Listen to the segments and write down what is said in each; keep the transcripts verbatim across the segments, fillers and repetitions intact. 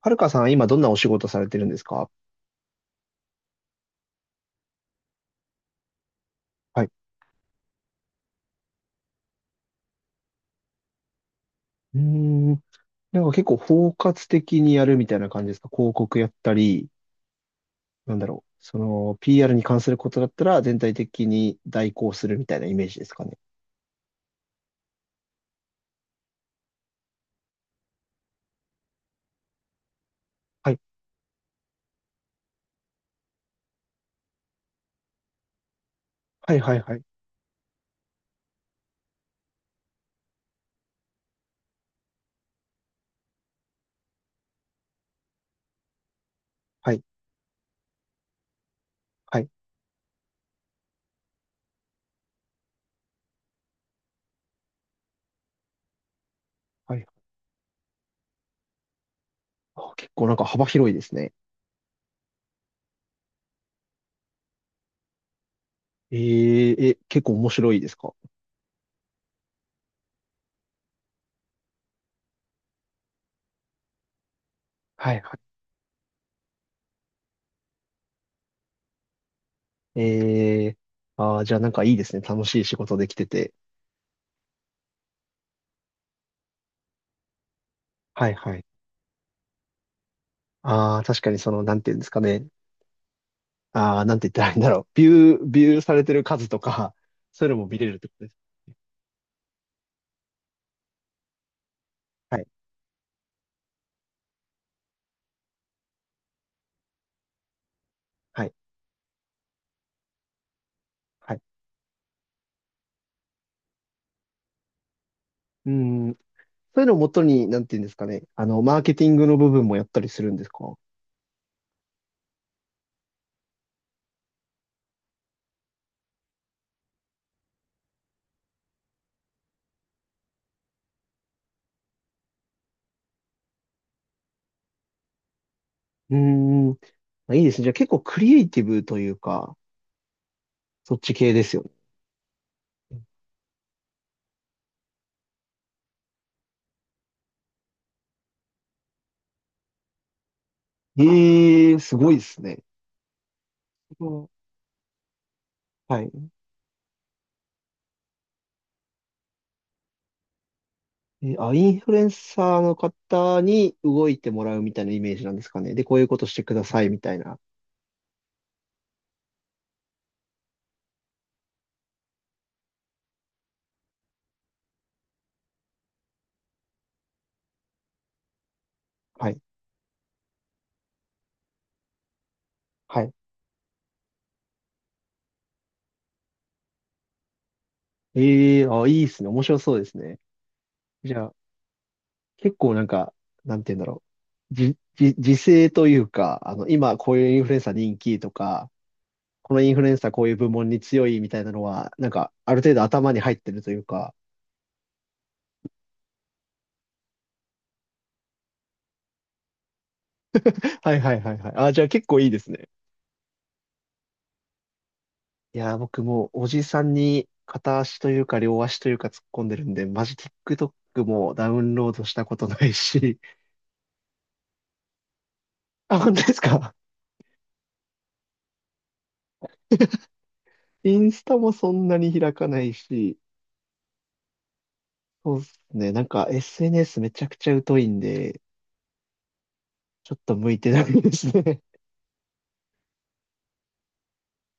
はるかさん、今どんなお仕事されてるんですか？はい。うーん。なんか結構包括的にやるみたいな感じですか？広告やったり、なんだろう。その、ピーアール に関することだったら全体的に代行するみたいなイメージですかね。はい。はいはいはい。はい。はい。はい。あ、結構なんか幅広いですね。えー、え、結構面白いですか？はいはい。えー、あー、じゃあなんかいいですね。楽しい仕事できてて。はいはい。ああ、確かにその、なんていうんですかね。ああ、なんて言ったらいいんだろう。ビュー、ビューされてる数とか、そういうのも見れるってことですね。はい、はい、はい。うん。そういうのをもとに、なんて言うんですかね。あの、マーケティングの部分もやったりするんですか？うーん。まあ、いいですね。じゃあ結構クリエイティブというか、そっち系ですよね。ええー、すごいですね。うん。はい。え、あ、インフルエンサーの方に動いてもらうみたいなイメージなんですかね。で、こういうことしてくださいみたいな。はい。はい。ええー、あ、いいですね。面白そうですね。じゃあ、結構なんか、なんて言うんだろう。じ、じ、時勢というか、あの、今こういうインフルエンサー人気とか、このインフルエンサーこういう部門に強いみたいなのは、なんか、ある程度頭に入ってるというか。はいはいはいはい。あ、じゃあ結構いいですね。いやー、僕もうおじさんに片足というか両足というか突っ込んでるんで、マジ ティックトック もダウンロードしたことないし。あ、本当ですか？ インスタもそんなに開かないし、そうですね。なんか エスエヌエス めちゃくちゃ疎いんで、ちょっと向いてないですね。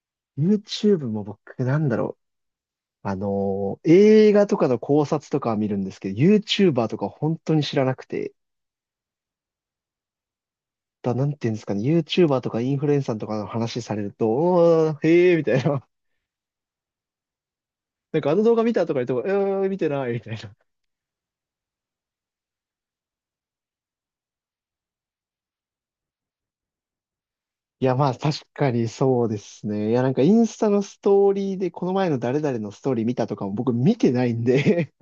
YouTube も僕、なんだろう。あのー映画とかの考察とかは見るんですけど、YouTuber とか本当に知らなくて、だ、なんていうんですかね、YouTuber とかインフルエンサーとかの話されると、おー、へえみたいな。なんかあの動画見たとか言っても、えー、見てないみたいな。いや、まあ確かにそうですね。いや、なんかインスタのストーリーで、この前の誰々のストーリー見たとかも僕見てないんで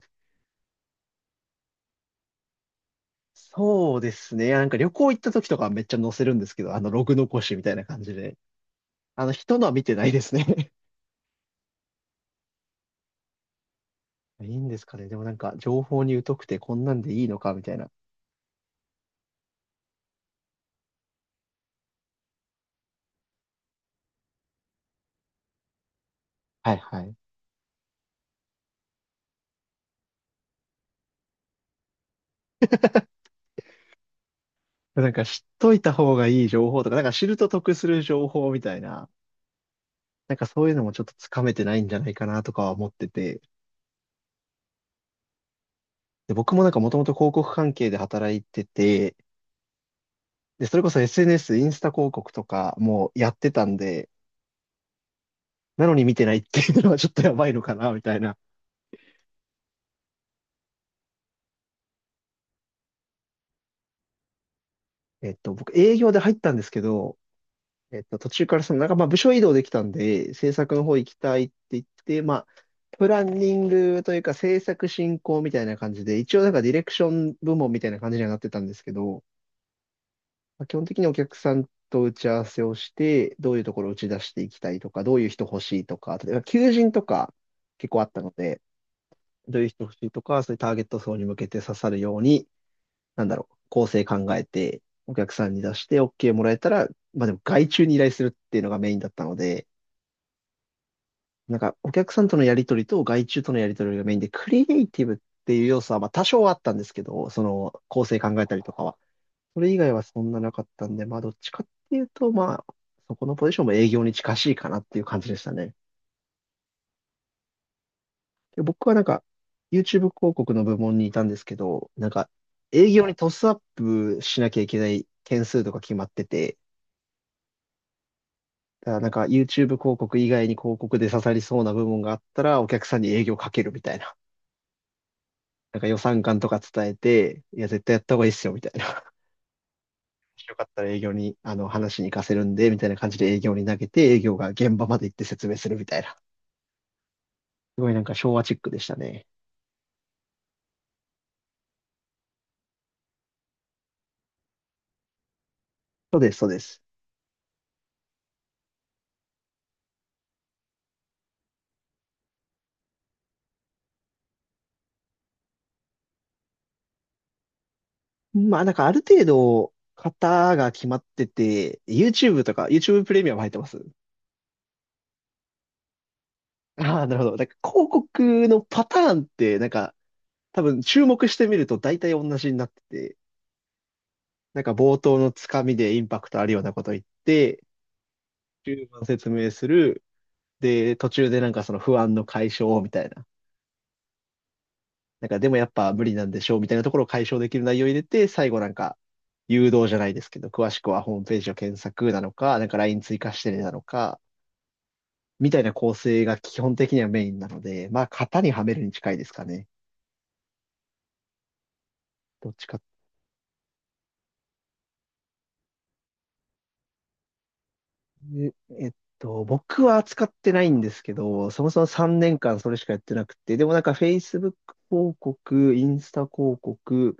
そうですね。いや、なんか旅行行った時とかはめっちゃ載せるんですけど、あのログ残しみたいな感じで。あの、人のは見てないですね いいんですかね。でもなんか、情報に疎くてこんなんでいいのかみたいな。はいはい。なんか知っといた方がいい情報とか、なんか知ると得する情報みたいな、なんかそういうのもちょっとつかめてないんじゃないかなとかは思ってて、で、僕もなんかもともと広告関係で働いてて、で、それこそ エスエヌエス、インスタ広告とかもやってたんで、なのに見てないっていうのはちょっとやばいのかな、みたいな。えっと、僕営業で入ったんですけど、えっと、途中からその、なんかまあ部署移動できたんで、制作の方行きたいって言って、まあ、プランニングというか制作進行みたいな感じで、一応なんかディレクション部門みたいな感じにはなってたんですけど、まあ、基本的にお客さんと打ち合わせをして、どういうところを打ち出していきたいとか、どういう人欲しいとか、例えば求人とか結構あったので、どういう人欲しいとか、そういうターゲット層に向けて刺さるように、なんだろう、構成考えて、お客さんに出して OK もらえたら、まあでも外注に依頼するっていうのがメインだったので、なんか、お客さんとのやりとりと外注とのやりとりがメインで、クリエイティブっていう要素は、まあ、多少はあったんですけど、その、構成考えたりとかは。それ以外はそんななかったんで、まあ、どっちかっていうと、まあ、そこのポジションも営業に近しいかなっていう感じでしたね。で、僕はなんか、YouTube 広告の部門にいたんですけど、なんか、営業にトスアップしなきゃいけない件数とか決まってて、だからなんか YouTube 広告以外に広告で刺さりそうな部門があったら、お客さんに営業かけるみたいな。なんか予算感とか伝えて、いや、絶対やった方がいいっすよ、みたいな。よかったら営業に、あの、話しに行かせるんで、みたいな感じで営業に投げて、営業が現場まで行って説明するみたいな。すごいなんか昭和チックでしたね。そうです、そうです。まあ、なんかある程度、型が決まってて、YouTube とか、YouTube プレミアム入ってます？ああ、なるほど。なんか広告のパターンって、なんか多分注目してみると大体同じになってて、なんか冒頭のつかみでインパクトあるようなこと言って、中盤説明する、で、途中でなんかその不安の解消みたいな。なんかでもやっぱ無理なんでしょうみたいなところを解消できる内容を入れて、最後なんか誘導じゃないですけど、詳しくはホームページを検索なのか、なんか ライン 追加してねなのか、みたいな構成が基本的にはメインなので、まあ型にはめるに近いですかね。どっちかっていう。えっと、僕は使ってないんですけど、そもそもさんねんかんそれしかやってなくて、でもなんか フェイスブック 広告、インスタ広告、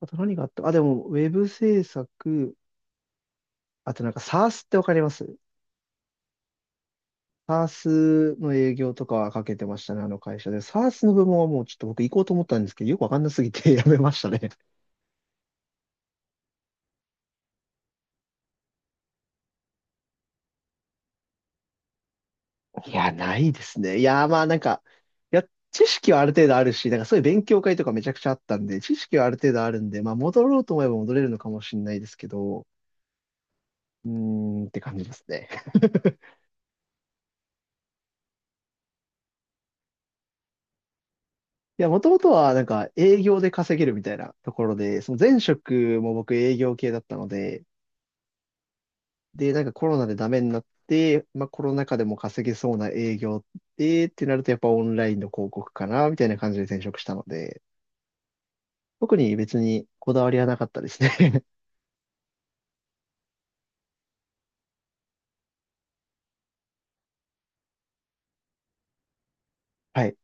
あと何があった？あ、でも、ウェブ制作、あとなんか SARS ってわかります？ SARS の営業とかはかけてましたね、あの会社で。SARS の部門はもうちょっと僕行こうと思ったんですけど、よくわかんなすぎて やめましたね。いや、ないですね。いや、まあなんか、いや、知識はある程度あるし、なんかそういう勉強会とかめちゃくちゃあったんで、知識はある程度あるんで、まあ戻ろうと思えば戻れるのかもしれないですけど、うーんって感じですね。いや、もともとはなんか営業で稼げるみたいなところで、その前職も僕営業系だったので、で、なんかコロナでダメになって、まあコロナ禍でも稼げそうな営業で、ってなるとやっぱオンラインの広告かな、みたいな感じで転職したので、特に別にこだわりはなかったですね。はい。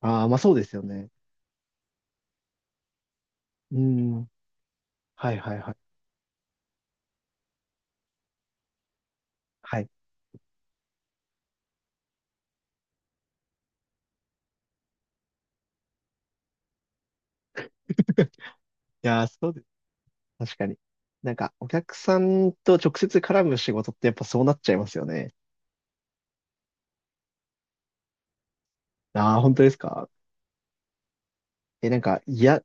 ああ、まあそうですよね。うん。はいはいはい。はい。いやー、そうです。確かに。なんか、お客さんと直接絡む仕事ってやっぱそうなっちゃいますよね。ああ、本当ですか？え、なんか、いや、